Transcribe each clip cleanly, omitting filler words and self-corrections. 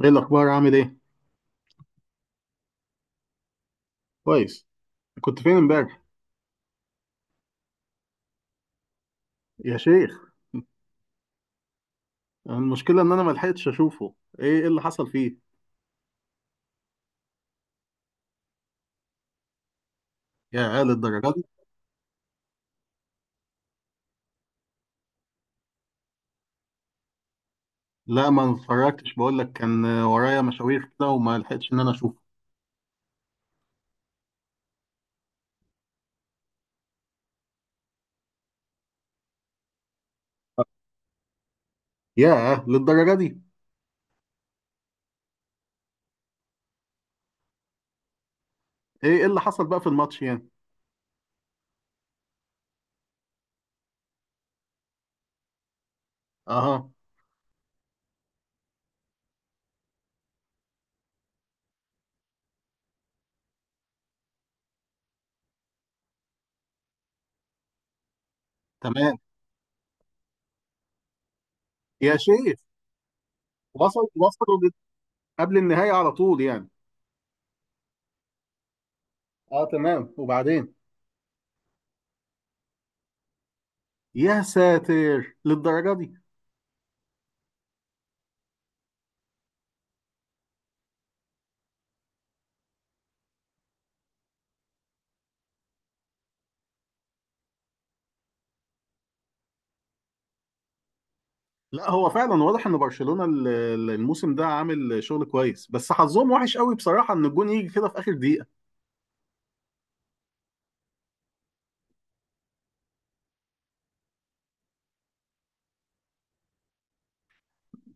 ايه الاخبار؟ عامل ايه؟ كويس. كنت فين امبارح؟ يا شيخ. المشكله ان انا ما لحقتش اشوفه. ايه اللي حصل فيه؟ يا قال الدرجه دي؟ لا، ما اتفرجتش، بقول لك كان ورايا مشاوير كده وما لحقتش ان انا اشوفه. يا للدرجه دي. ايه اللي حصل بقى في الماتش يعني؟ اها، تمام. يا شيخ. وصل وصلوا لل- قبل النهايه على طول يعني. اه، تمام، وبعدين؟ يا ساتر للدرجه دي. لا، هو فعلا واضح ان برشلونة الموسم ده عامل شغل كويس، بس حظهم وحش قوي بصراحة، ان الجون يجي كده في اخر دقيقة.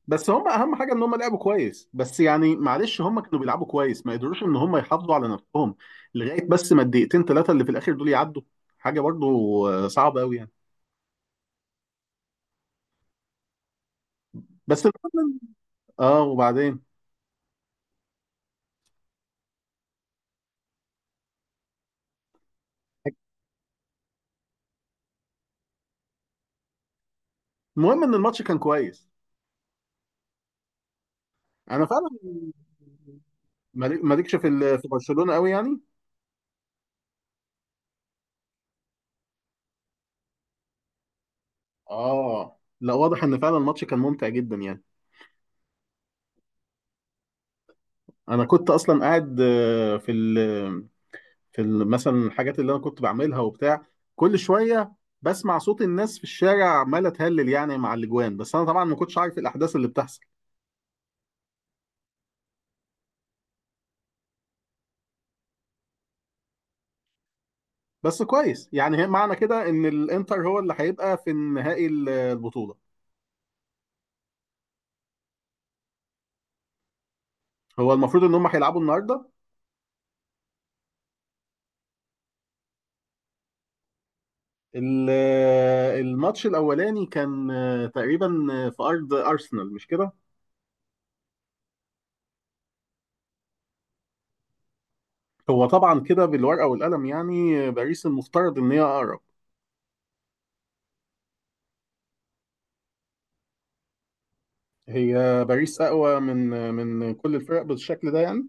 بس هم اهم حاجة ان هم لعبوا كويس، بس يعني معلش، هم كانوا بيلعبوا كويس ما قدروش ان هم يحافظوا على نفسهم لغاية بس ما الدقيقتين ثلاثة اللي في الاخر دول يعدوا. حاجة برضو صعبة قوي يعني. بس المهم إن- اه، وبعدين. المهم ان الماتش كان كويس. انا فعلا مالكش في برشلونة قوي يعني. اه، لا، واضح ان فعلا الماتش كان ممتع جدا يعني. انا كنت اصلا قاعد في ال مثلا الحاجات اللي انا كنت بعملها وبتاع، كل شويه بسمع صوت الناس في الشارع عماله تهلل يعني مع الاجوان، بس انا طبعا ما كنتش عارف إيه الاحداث اللي بتحصل. بس كويس يعني، هي معنى كده ان الانتر هو اللي هيبقى في النهائي، البطوله. هو المفروض ان هم هيلعبوا النهارده. ال- الماتش الاولاني كان تقريبا في ارض ارسنال، مش كده؟ هو طبعا كده بالورقه والقلم يعني، باريس المفترض ان هي اقرب. هي باريس اقوى من كل الفرق بالشكل ده يعني.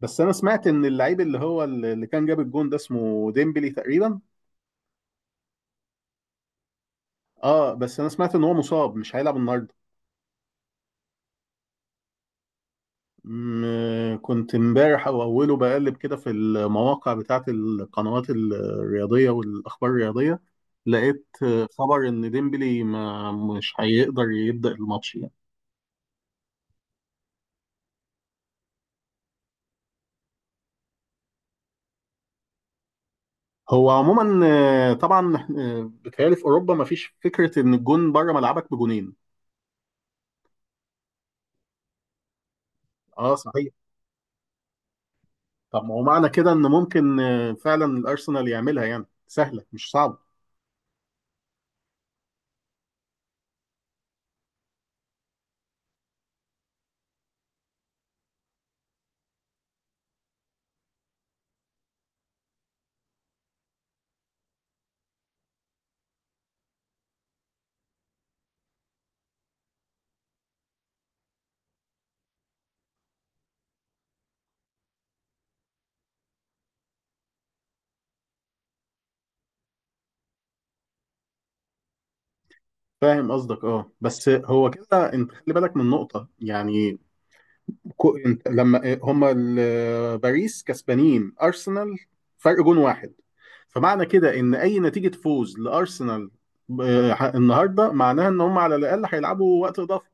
بس انا سمعت ان اللعيب اللي هو اللي كان جاب الجون ده اسمه ديمبلي تقريبا. اه، بس انا سمعت ان هو مصاب مش هيلعب النهارده. كنت امبارح او اوله بقلب كده في المواقع بتاعت القنوات الرياضيه والاخبار الرياضيه، لقيت خبر ان ديمبلي ما مش هيقدر يبدا الماتش يعني. هو عموما طبعا بيتهيألي في اوروبا ما فيش فكره ان الجون بره ملعبك بجونين. اه، صحيح. طب ما هو معنى كده ان ممكن فعلا الارسنال يعملها يعني، سهله مش صعبه. فاهم قصدك، اه، بس هو كده، انت خلي بالك من نقطه يعني. كو انت لما آه، هما ال- آه، باريس كسبانين ارسنال فرق جون واحد، فمعنى كده ان اي نتيجه فوز لارسنال النهارده معناها ان هم على الاقل هيلعبوا وقت اضافي.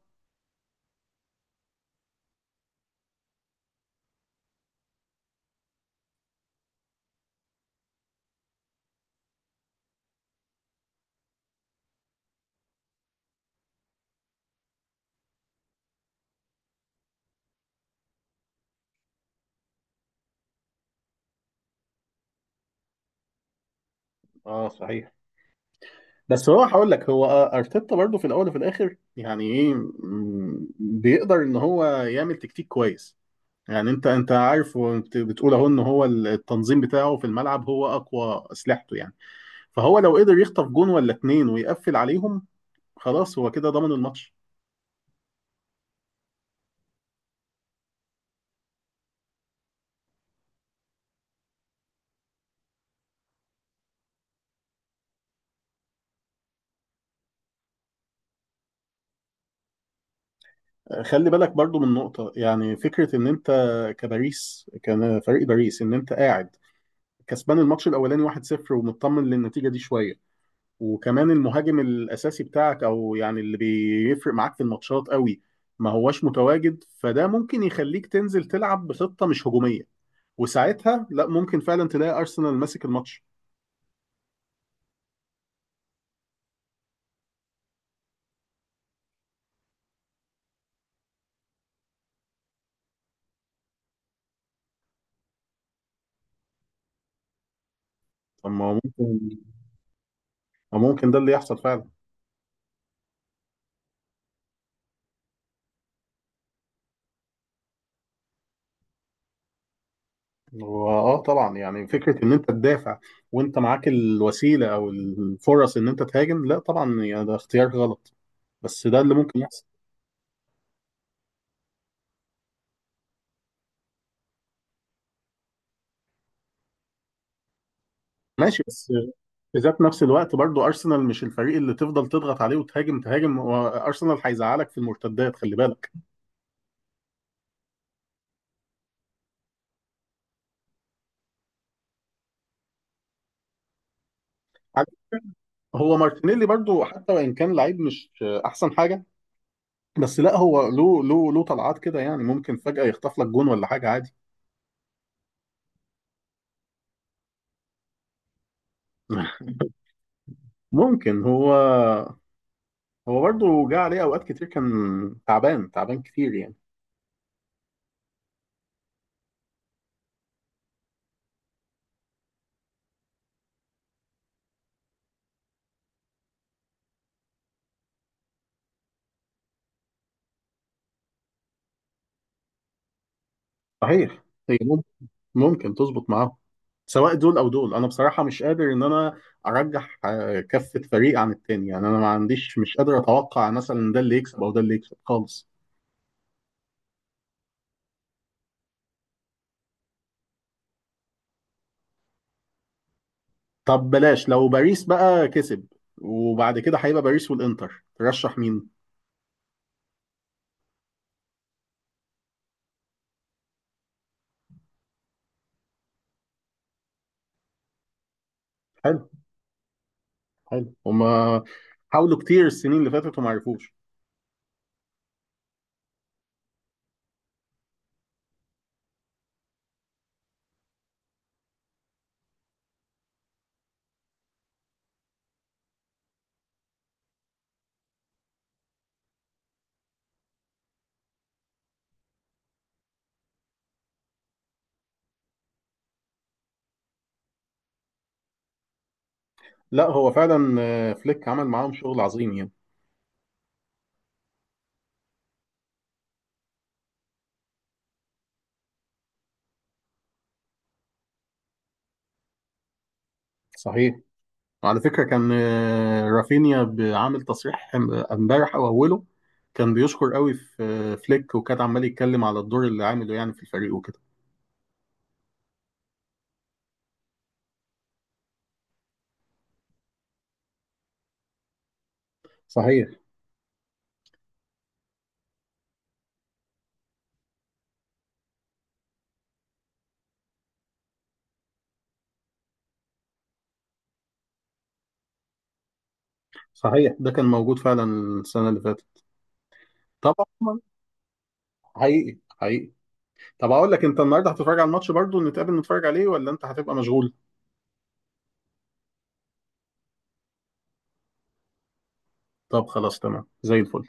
اه، صحيح. بس هو هقول لك، هو ارتيتا برضو في الاول وفي الاخر يعني ايه، بيقدر ان هو يعمل تكتيك كويس. يعني انت عارف وانت بتقول اهو، ان هو التنظيم بتاعه في الملعب هو اقوى اسلحته يعني. فهو لو قدر يخطف جون ولا اتنين ويقفل عليهم، خلاص هو كده ضمن الماتش. خلي بالك برضو من نقطة، يعني فكرة ان انت كباريس، كان فريق باريس ان انت قاعد كسبان الماتش الاولاني 1-0 ومطمن للنتيجة دي شوية، وكمان المهاجم الاساسي بتاعك او يعني اللي بيفرق معاك في الماتشات قوي ما هواش متواجد، فده ممكن يخليك تنزل تلعب بخطة مش هجومية، وساعتها لا، ممكن فعلا تلاقي ارسنال ماسك الماتش. طب ما هو ممكن، ما ممكن ده اللي يحصل فعلا. واه، طبعا، يعني فكره ان انت تدافع وانت معاك الوسيله او الفرص ان انت تهاجم، لا طبعا يعني ده اختيار غلط، بس ده اللي ممكن يحصل. ماشي، بس في ذات نفس الوقت برضو ارسنال مش الفريق اللي تفضل تضغط عليه وتهاجم تهاجم، وارسنال هيزعلك في المرتدات خلي بالك. هو مارتينيلي برضو حتى وان كان لعيب مش احسن حاجه، بس لا، هو له طلعات كده يعني، ممكن فجأة يخطف لك جون ولا حاجة عادي. ممكن هو، هو برضه جه عليه أوقات كتير كان تعبان تعبان كتير يعني. صحيح. هي مم- ممكن تظبط معاه. سواء دول أو دول، أنا بصراحة مش قادر إن أنا أرجح كفة فريق عن التاني، يعني أنا ما عنديش، مش قادر أتوقع مثلا ده اللي يكسب أو ده اللي يكسب خالص. طب بلاش، لو باريس بقى كسب وبعد كده هيبقى باريس والإنتر، ترشح مين؟ حلو. حلو. هما حاولوا كتير السنين اللي فاتت وما عرفوش. لا، هو فعلا فليك عمل معاهم شغل عظيم يعني. صحيح. وعلى فكرة كان رافينيا عامل تصريح امبارح او اوله، كان بيشكر قوي في فليك، وكان عمال يتكلم على الدور اللي عامله يعني في الفريق وكده. صحيح. صحيح، ده كان موجود فعلا السنة اللي فاتت. طبعا. حقيقي حقيقي. طب اقول لك، انت النهارده هتتفرج على الماتش برضو؟ نتقابل نتفرج عليه ولا انت هتبقى مشغول؟ طب خلاص، تمام زي الفل.